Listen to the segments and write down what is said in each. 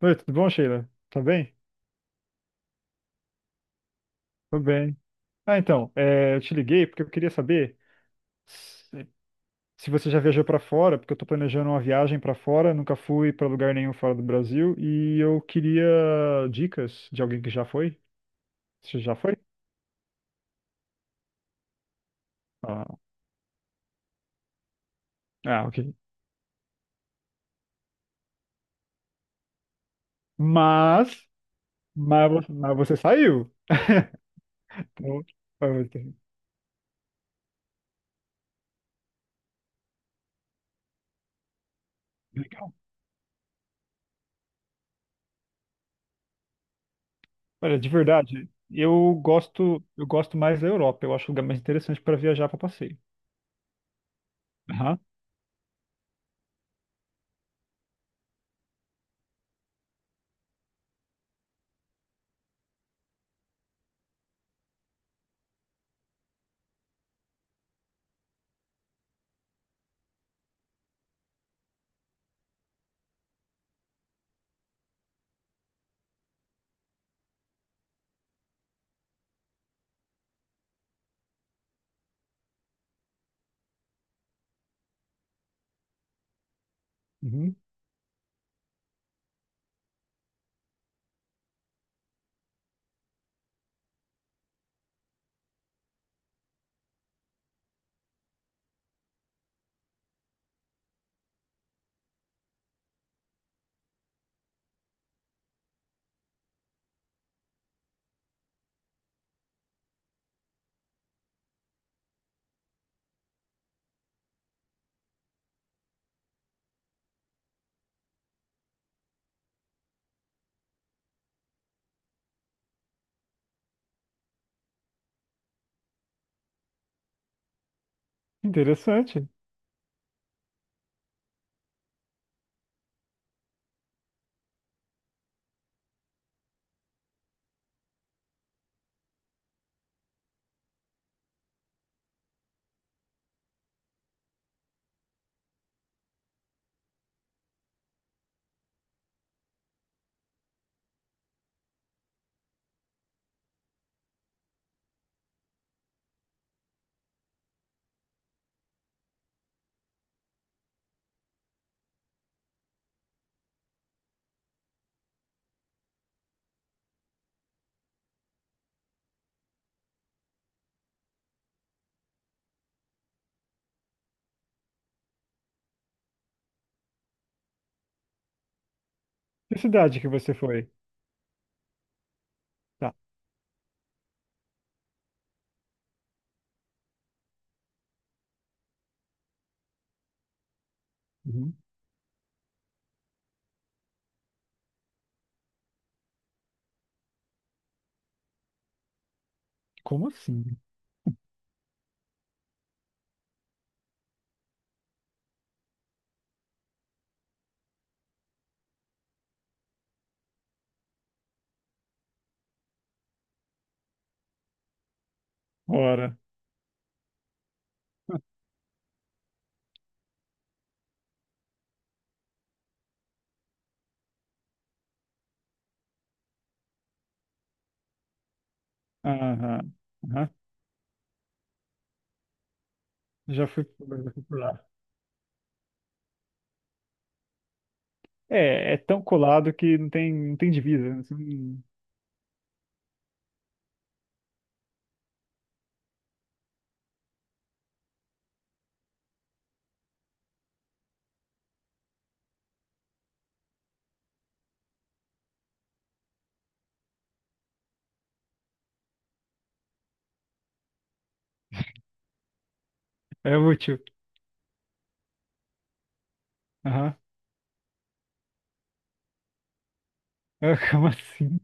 Oi, tudo bom, Sheila? Tá bem? Tô bem. Eu te liguei porque eu queria saber se, se você já viajou pra fora, porque eu tô planejando uma viagem pra fora, nunca fui pra lugar nenhum fora do Brasil e eu queria dicas de alguém que já foi. Você já foi? Ah, ah, ok. Mas, mas você saiu. Então, ah, então, Legal. Olha, de verdade, eu gosto mais da Europa. Eu acho o lugar mais interessante para viajar para passeio. Aham. Uhum. Interessante. Que cidade que você foi? Tá. Uhum. Como assim? Ora. Aham. Aham. Já fui, já fui por lá. É, é tão colado que não tem divisa. Assim, é útil. Aham. É, como assim?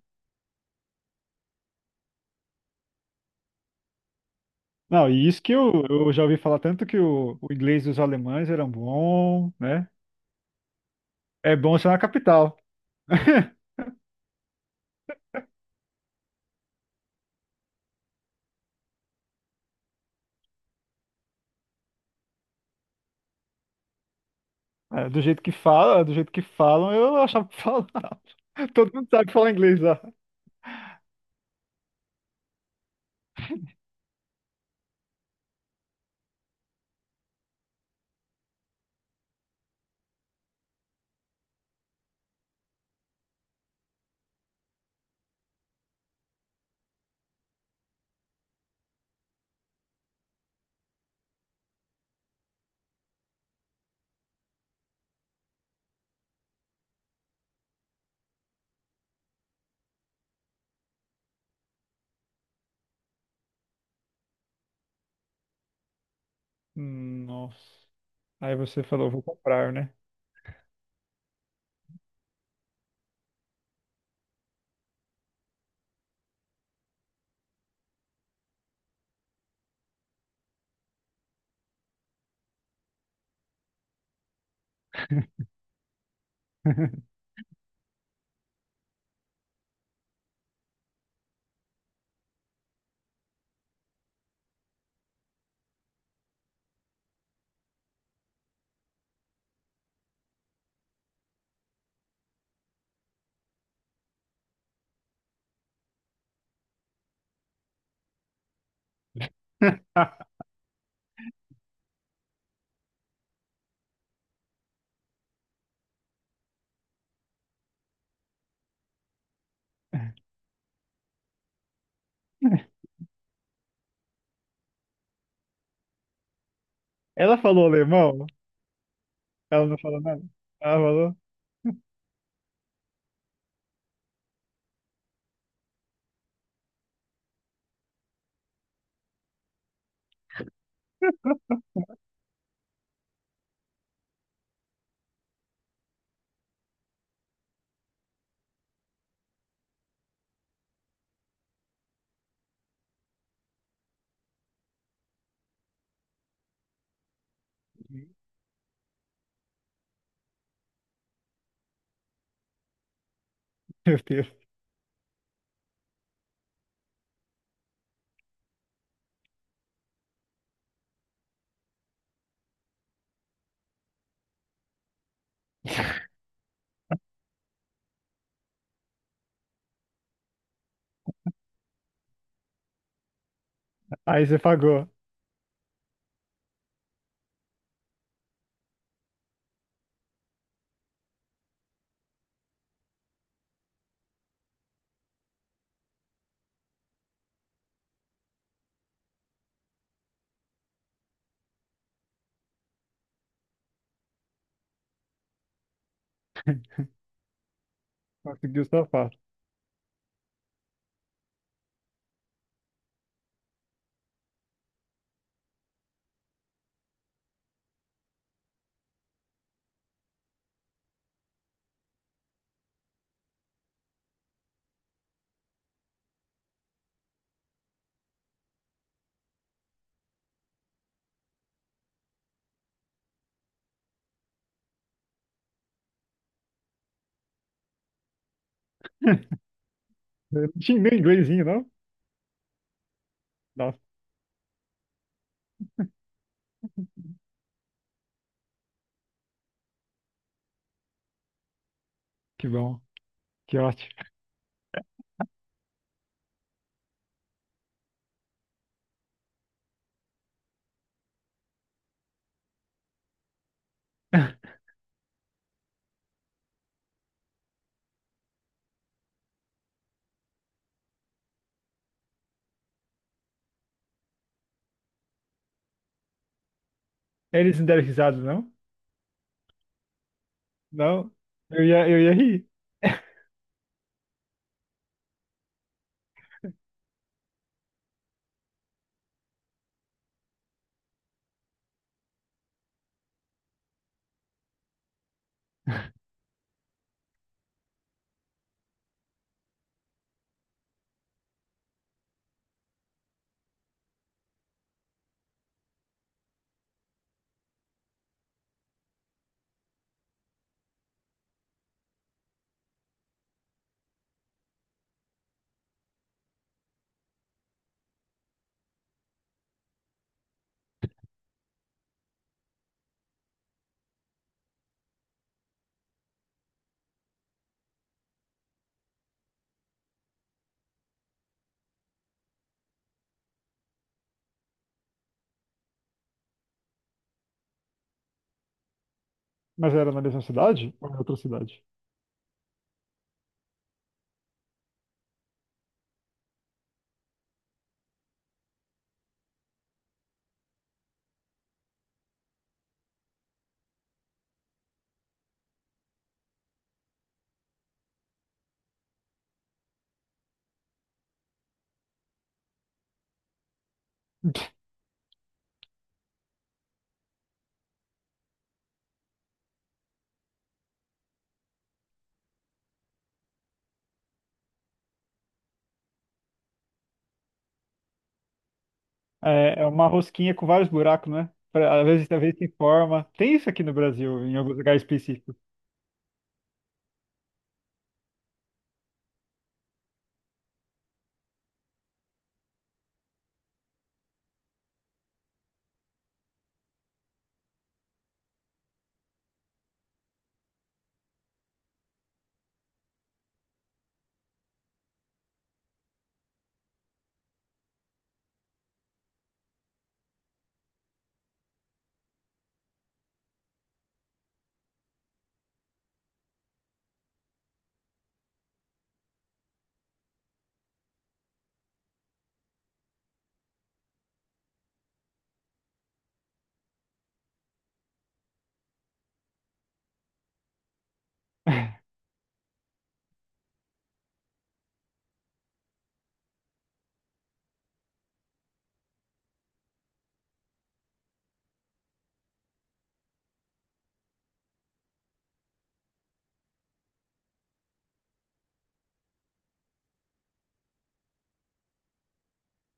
Não, e isso que eu já ouvi falar tanto que o inglês dos alemães era bom, né? É bom ser na capital. É, do jeito que fala, do jeito que falam, eu achava que falava. Todo mundo sabe falar inglês lá. Nossa. Aí você falou, vou comprar, né? Ela falou alemão? Ela não falou nada? Ela falou? Meu Deus. Aí você pagou. Conseguiu sua parte. Eu não tinha nem inglesinho, não? Nossa, que bom. Que ótimo. Eles não deram risada, não? Não. Eu ia rir. Mas era na mesma cidade ou em outra cidade? É, é uma rosquinha com vários buracos, né? Pra- às vezes tem forma. Tem isso aqui no Brasil, em alguns lugares específicos.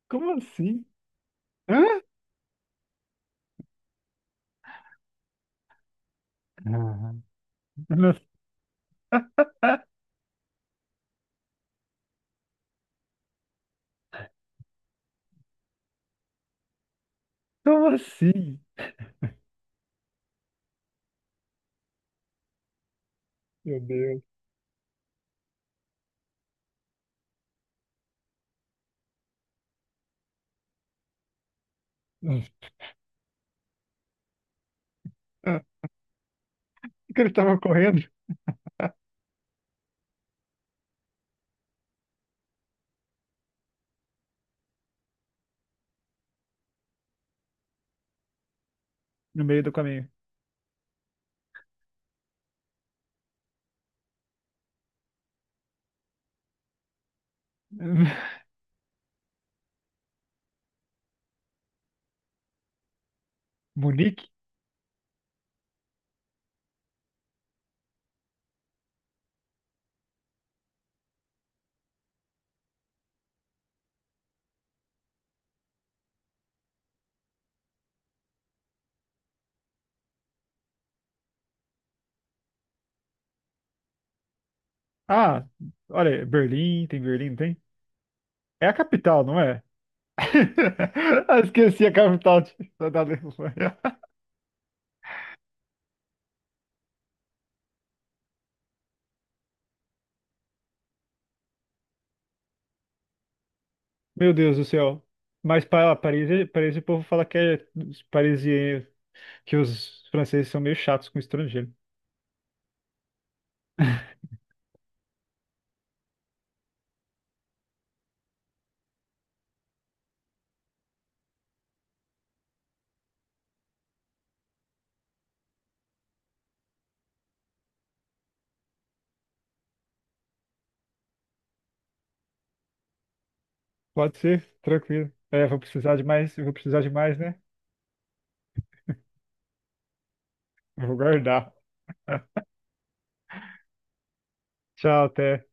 Como assim? Hã? Ah. Como assim? Meu Deus. Ah, o que ele estava correndo no meio do caminho? Munique? Ah, olha, Berlim, tem Berlim, não tem? É a capital, não é? Ah, esqueci a capital de- da Alemanha. Meu Deus do céu. Mas para Paris, Paris, o povo fala que é os parisienses, que os franceses são meio chatos com estrangeiro. Pode ser, tranquilo. É, vou precisar de mais, né? Vou guardar. Tchau, até.